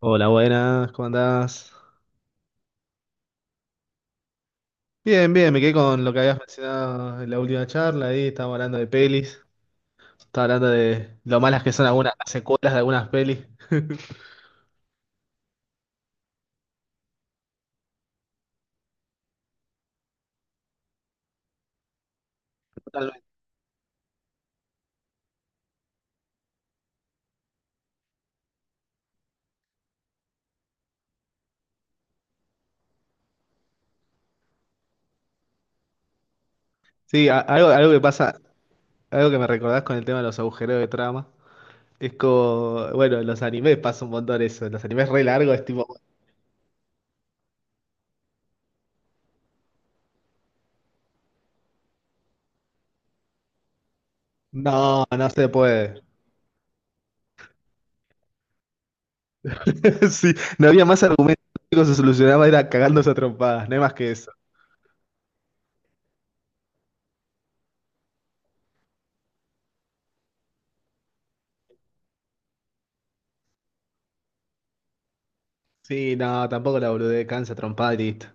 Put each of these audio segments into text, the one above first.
Hola, buenas, ¿cómo andás? Bien, bien, me quedé con lo que habías mencionado en la última charla, ahí estábamos hablando de pelis, estaba hablando de lo malas que son algunas las secuelas de algunas pelis. Totalmente. Sí, algo que pasa, algo que me recordás con el tema de los agujeros de trama, es como, bueno, en los animes pasa un montón eso, en los animes re largos es tipo, no, no se puede. Sí, no había más argumentos, lo único que se solucionaba era cagándose a trompadas, no hay más que eso. Sí, no, tampoco la boludez, cansa trompada y listo.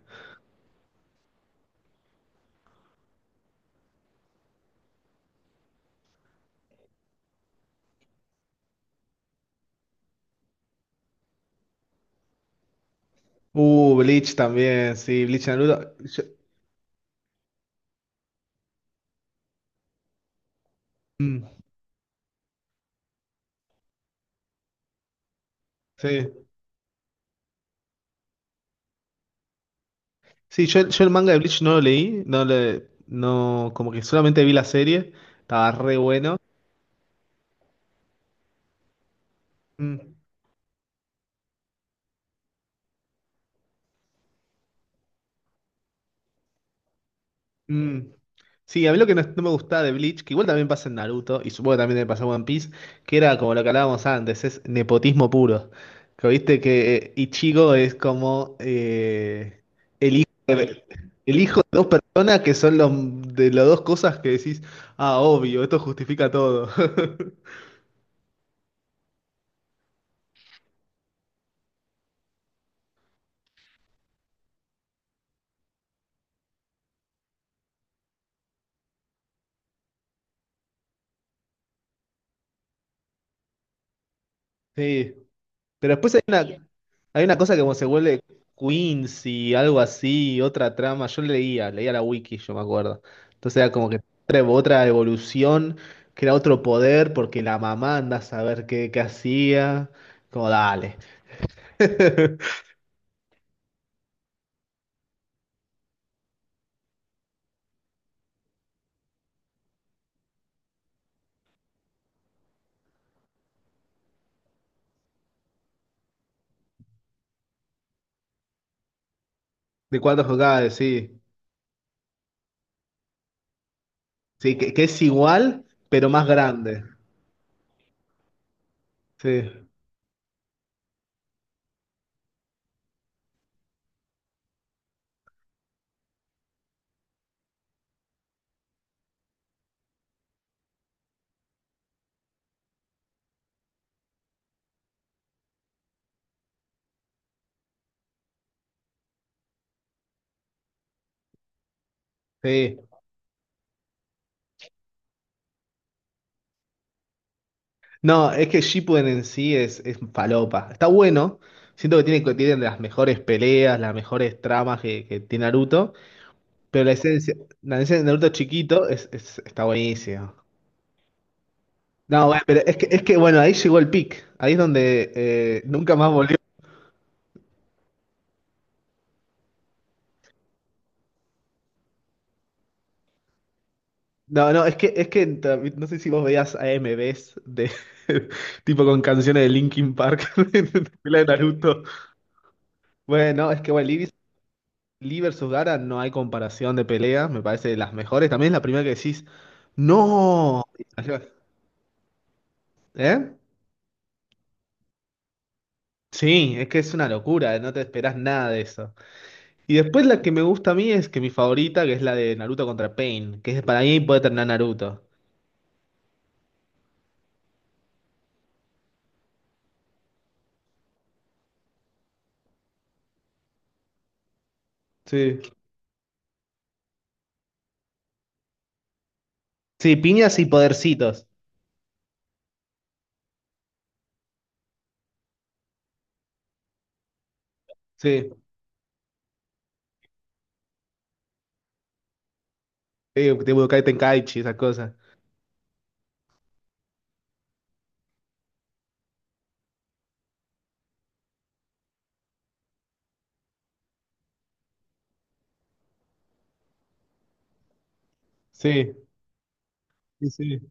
Bleach también, sí, Bleach Naruto. Mm, sí, yo el manga de Bleach no lo leí, no le, no, como que solamente vi la serie, estaba re bueno. Mm. Mm. Sí, a mí lo que no me gustaba de Bleach, que igual también pasa en Naruto, y supongo que también le pasó en One Piece, que era como lo que hablábamos antes, es nepotismo puro. Que viste que Ichigo es como el hijo de, el hijo de dos personas que son los, de las dos cosas que decís, ah, obvio, esto justifica todo. Sí. Pero después hay una, hay una cosa que como se vuelve Quincy, algo así, otra trama. Yo leía la wiki, yo me acuerdo. Entonces era como que otra, otra evolución, que era otro poder, porque la mamá anda a saber qué, qué hacía. Como dale. De cuántos jugaba, sí. Sí, que es igual, pero más grande. Sí, sí. No, es que Shippuden en sí es falopa. Está bueno. Siento que tiene, que tienen las mejores peleas, las mejores tramas que tiene Naruto. Pero la esencia de Naruto chiquito es, está buenísimo. No, bueno, pero es que bueno, ahí llegó el pic. Ahí es donde nunca más volvió. No, no, es que no sé si vos veías AMVs de tipo con canciones de Linkin Park en la pelea de Naruto. Bueno, es que bueno, Lee, Lee versus Gaara no hay comparación de pelea, me parece de las mejores. También es la primera que decís, ¡No! ¿Eh? Sí, es que es una locura, no te esperás nada de eso. Y después la que me gusta a mí es que mi favorita, que es la de Naruto contra Pain, que es para mí puede terminar Naruto. Sí, sí, piñas y podercitos. Sí, Sí, tipo Kaiten Kaichi, esas cosas. Sí, sí, sí.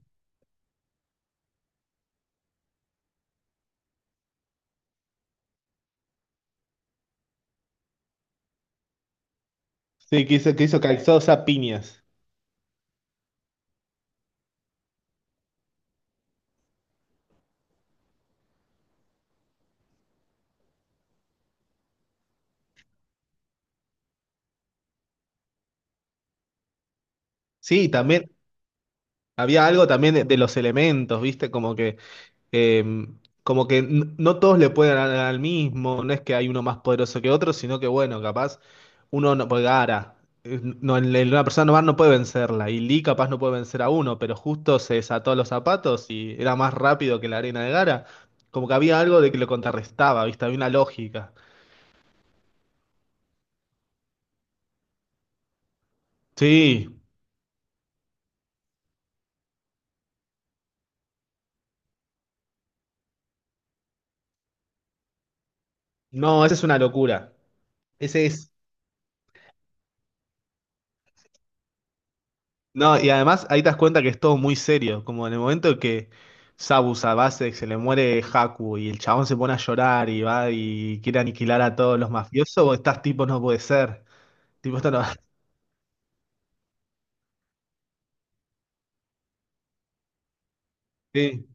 Sí, que hizo calzosa piñas. Sí, también había algo también de los elementos, ¿viste? Eh, como que no todos le pueden ganar al mismo, no es que hay uno más poderoso que otro, sino que bueno, capaz uno no puede Gaara, no, una persona normal no puede vencerla, y Lee capaz no puede vencer a uno, pero justo se desató los zapatos y era más rápido que la arena de Gara. Como que había algo de que lo contrarrestaba, ¿viste? Había una lógica. Sí, no, esa es una locura. Ese es No, y además ahí te das cuenta que es todo muy serio, como en el momento que Sabu Savasek se le muere Haku y el chabón se pone a llorar y va y quiere aniquilar a todos los mafiosos, vos estás tipo, no puede ser, tipo, esto no... Sí,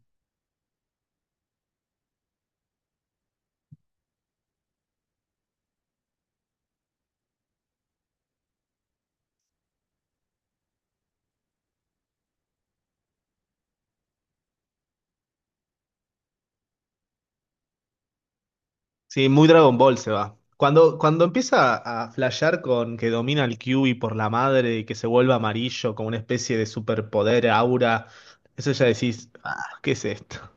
sí, muy Dragon Ball se va. Cuando, cuando empieza a flashear con que domina el Kyuubi por la madre y que se vuelve amarillo como una especie de superpoder, aura, eso ya decís, ah, ¿qué es esto?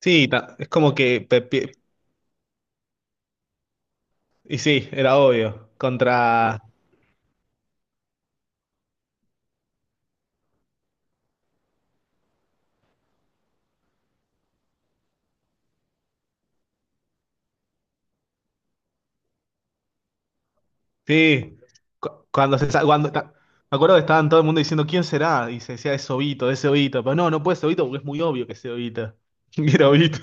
Sí, es como que... y sí, era obvio. Contra... Sí, cuando cuando me acuerdo que estaban todo el mundo diciendo quién será y se decía es Obito, pero no, no puede ser Obito porque es muy obvio que es Obito. Y era Obito.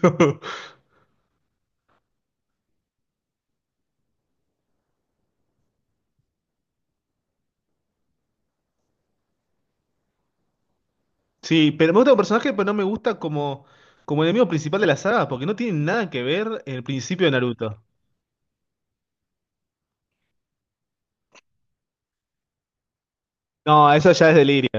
Sí, pero me gusta el personaje, pero no me gusta como como enemigo principal de la saga porque no tiene nada que ver el principio de Naruto. No, eso ya es delirio.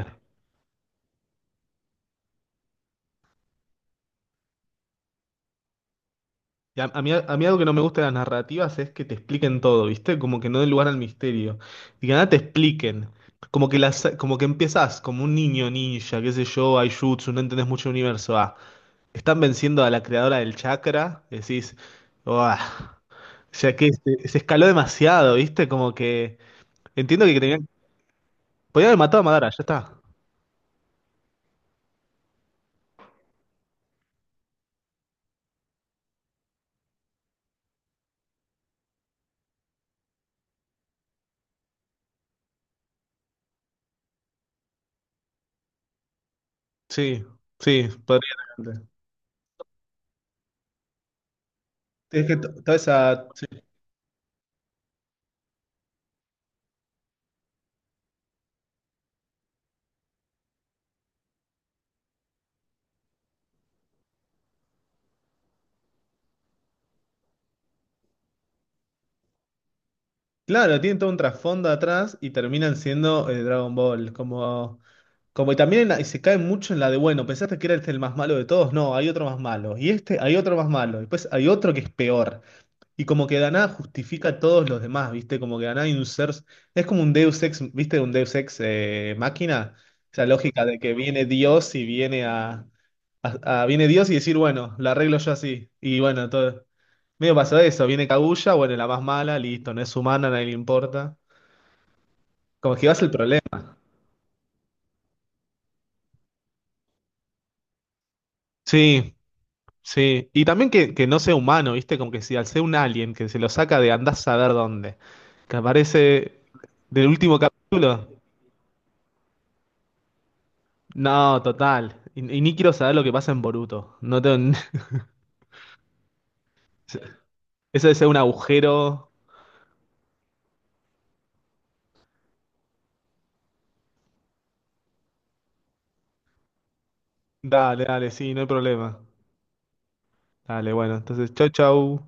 Y a mí algo que no me gusta de las narrativas es que te expliquen todo, ¿viste? Como que no den lugar al misterio. Y que nada te expliquen. Como que las, como que empezás como un niño ninja, qué sé yo, Aijutsu, no entendés mucho el universo. Ah, están venciendo a la creadora del chakra, decís, "Uah". O sea que se escaló demasiado, ¿viste? Como que entiendo que tenían, podían haber matado a Madara, ya está. Sí, sí, podrían haber. Es que toda esa. Sí. Claro, tienen todo un trasfondo atrás y terminan siendo Dragon Ball. Como, como y también en y se cae mucho en la de, bueno, pensaste que era este el más malo de todos. No, hay otro más malo. Y este, hay otro más malo. Y después hay otro que es peor. Y como que Daná justifica a todos los demás, ¿viste? Como que Daná hay un ser. Es como un Deus ex, ¿viste? Un Deus ex máquina. Esa lógica de que viene Dios y viene a, viene Dios y decir, bueno, la arreglo yo así. Y bueno, todo. Medio pasó eso. Viene Kaguya, bueno, la más mala, listo, no es humana, a nadie le importa. Como que va a ser el problema. Sí, sí. Y también que no sea humano, ¿viste? Como que si al ser un alien que se lo saca de andás a saber dónde. Que aparece del último capítulo. No, total. Y ni quiero saber lo que pasa en Boruto. No tengo... Eso debe ser un agujero. Dale, dale, sí, no hay problema. Dale, bueno, entonces, chau, chau.